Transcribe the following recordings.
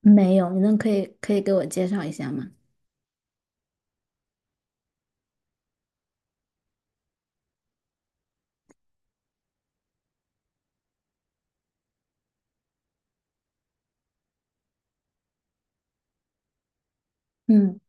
没有，你能可以给我介绍一下吗？嗯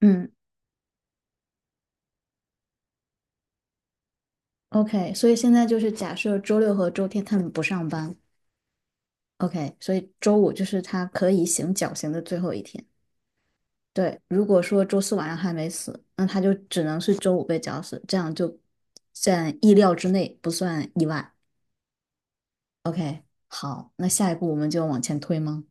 嗯，OK，所以现在就是假设周六和周天他们不上班。OK，所以周五就是他可以行绞刑的最后一天。对，如果说周四晚上还没死，那他就只能是周五被绞死，这样就在意料之内，不算意外。OK，好，那下一步我们就往前推吗？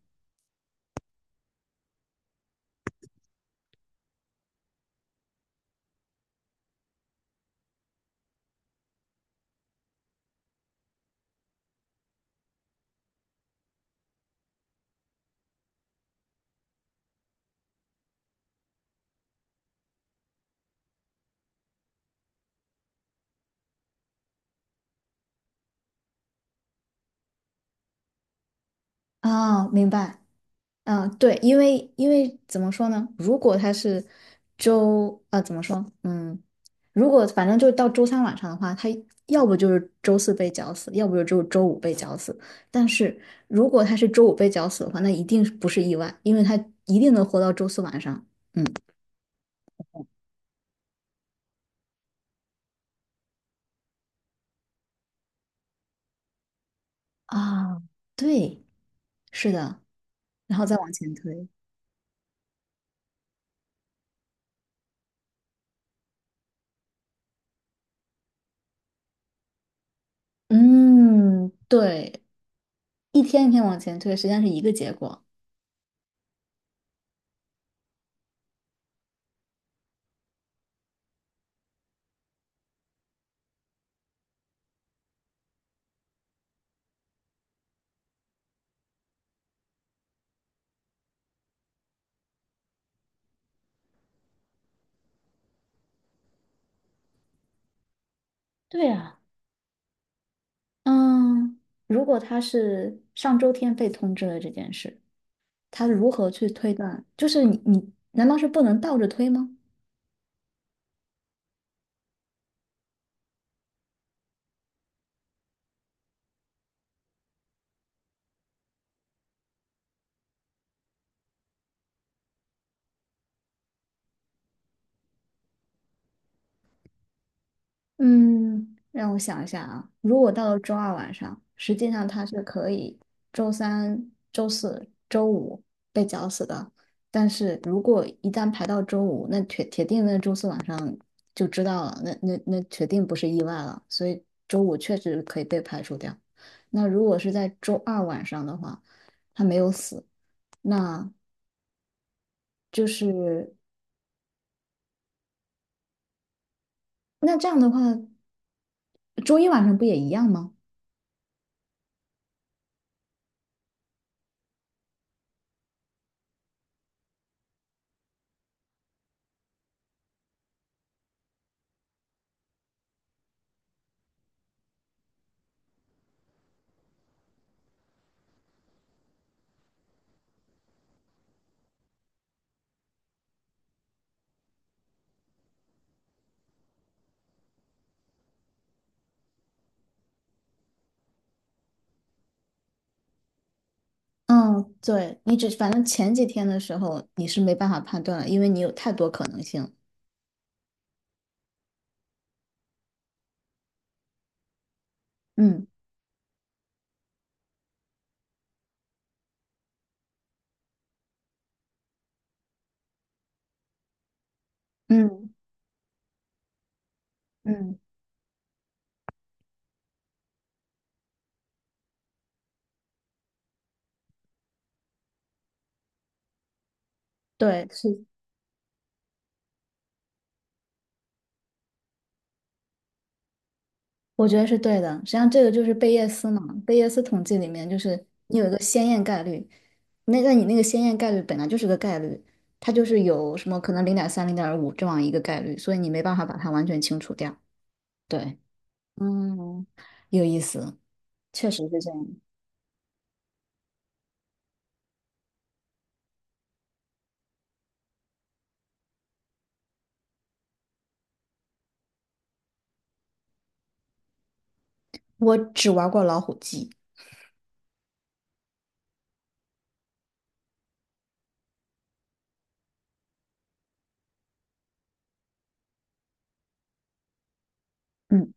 哦，明白。嗯，对，因为怎么说呢？如果他是周，呃，怎么说？嗯，如果反正就到周三晚上的话，他要不就是周四被绞死，要不就只有周五被绞死。但是如果他是周五被绞死的话，那一定是不是意外，因为他一定能活到周四晚上。嗯，啊，对，是的，然后再往前推。嗯，对，一天一天往前推，实际上是一个结果。对啊。嗯，如果他是上周天被通知了这件事，他如何去推断？就是你难道是不能倒着推吗？嗯，让我想一下啊，如果到了周二晚上，实际上他是可以周三、周四、周五被绞死的，但是如果一旦排到周五，那铁定那周四晚上就知道了，那铁定不是意外了，所以周五确实可以被排除掉。那如果是在周二晚上的话，他没有死，那就是那这样的话，周一晚上不也一样吗？嗯，对，你只反正前几天的时候你是没办法判断了，因为你有太多可能性。嗯嗯嗯，对，是，我觉得是对的。实际上，这个就是贝叶斯嘛，贝叶斯统计里面就是你有一个先验概率，那你那个先验概率本来就是个概率，它就是有什么可能0.3、0.5这样一个概率，所以你没办法把它完全清除掉。对，嗯，有意思，确实是这样。我只玩过老虎机。嗯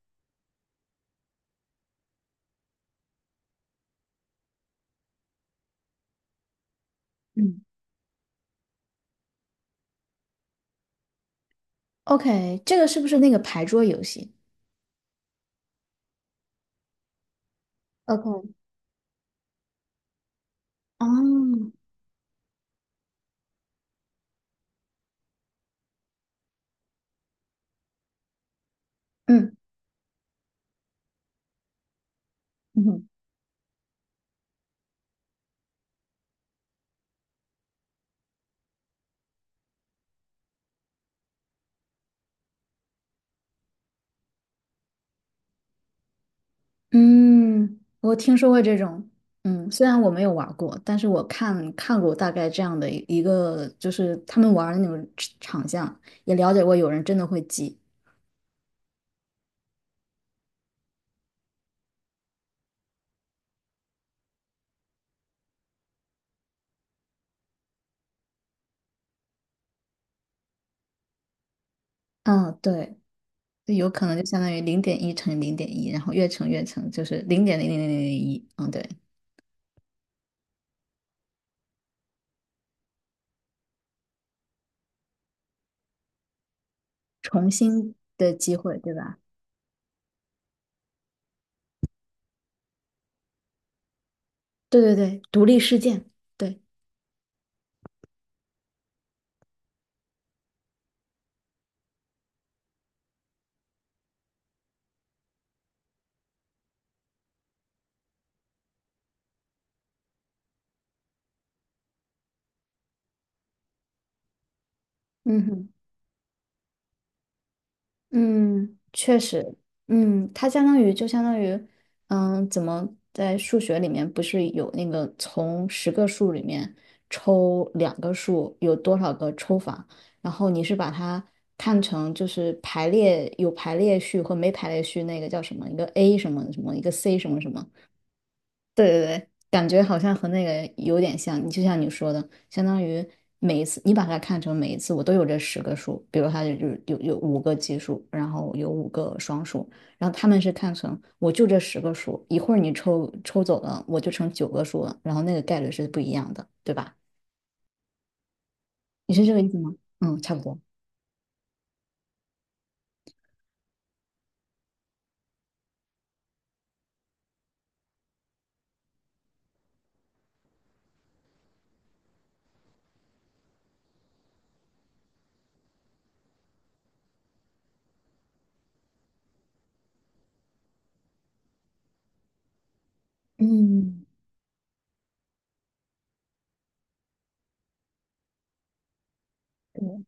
嗯。OK,这个是不是那个牌桌游戏？OK,哦，嗯嗯嗯，我听说过这种。嗯，虽然我没有玩过，但是我看过大概这样的一个，就是他们玩的那种场像，也了解过有人真的会记。嗯，对，就有可能就相当于零点一乘零点一，然后越乘，就是0.000001。嗯，对，重新的机会，对吧？对对对，独立事件。对，嗯哼。嗯，确实，嗯，它相当于就相当于，嗯，在数学里面不是有那个从十个数里面抽两个数有多少个抽法，然后你是把它看成就是排列有排列序和没排列序那个叫什么一个 A 什么什么一个 C 什么什么，对对对，感觉好像和那个有点像。你就像你说的，相当于每一次你把它看成每一次我都有这十个数，比如它就是有五个奇数，然后有五个双数，然后他们是看成我就这十个数，一会儿你抽走了，我就成9个数了，然后那个概率是不一样的，对吧？你是这个意思吗？嗯，差不多。嗯，对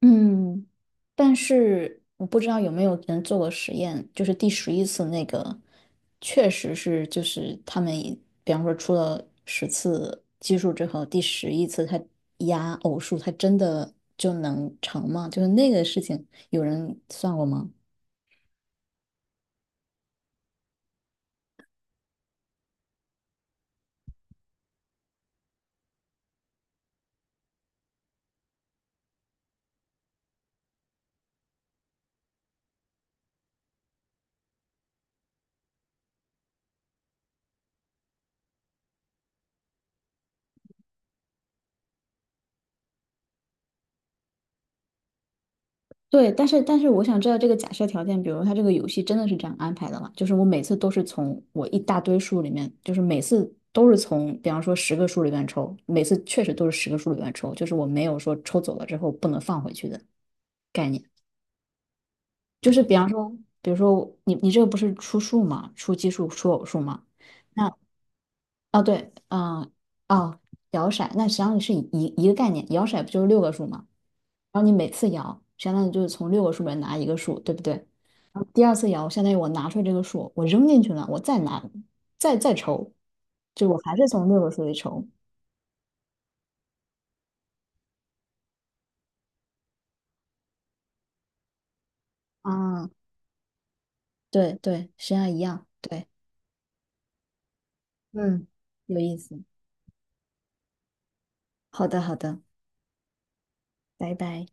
嗯，但是我不知道有没有人做过实验，就是第十一次那个，确实是就是他们以比方说出了10次奇数之后，第十一次他压偶数，他真的就能成吗？就是那个事情，有人算过吗？对，但是我想知道这个假设条件，比如他这个游戏真的是这样安排的吗？就是我每次都是从我一大堆数里面，就是每次都是从，比方说十个数里面抽，每次确实都是十个数里面抽，就是我没有说抽走了之后不能放回去的概念。就是比方说，比如说你这个不是出数嘛，出奇数、出偶数嘛，那哦，对，嗯，哦，摇骰，那实际上是一个概念，摇骰不就是六个数吗？然后你每次摇，相当于就是从六个数里面拿一个数，对不对？然后第二次摇，相当于我拿出来这个数，我扔进去了，我再拿，再抽，就我还是从六个数里抽。啊，对对，实际上一样，对，嗯。有意思。好的，好的，拜拜。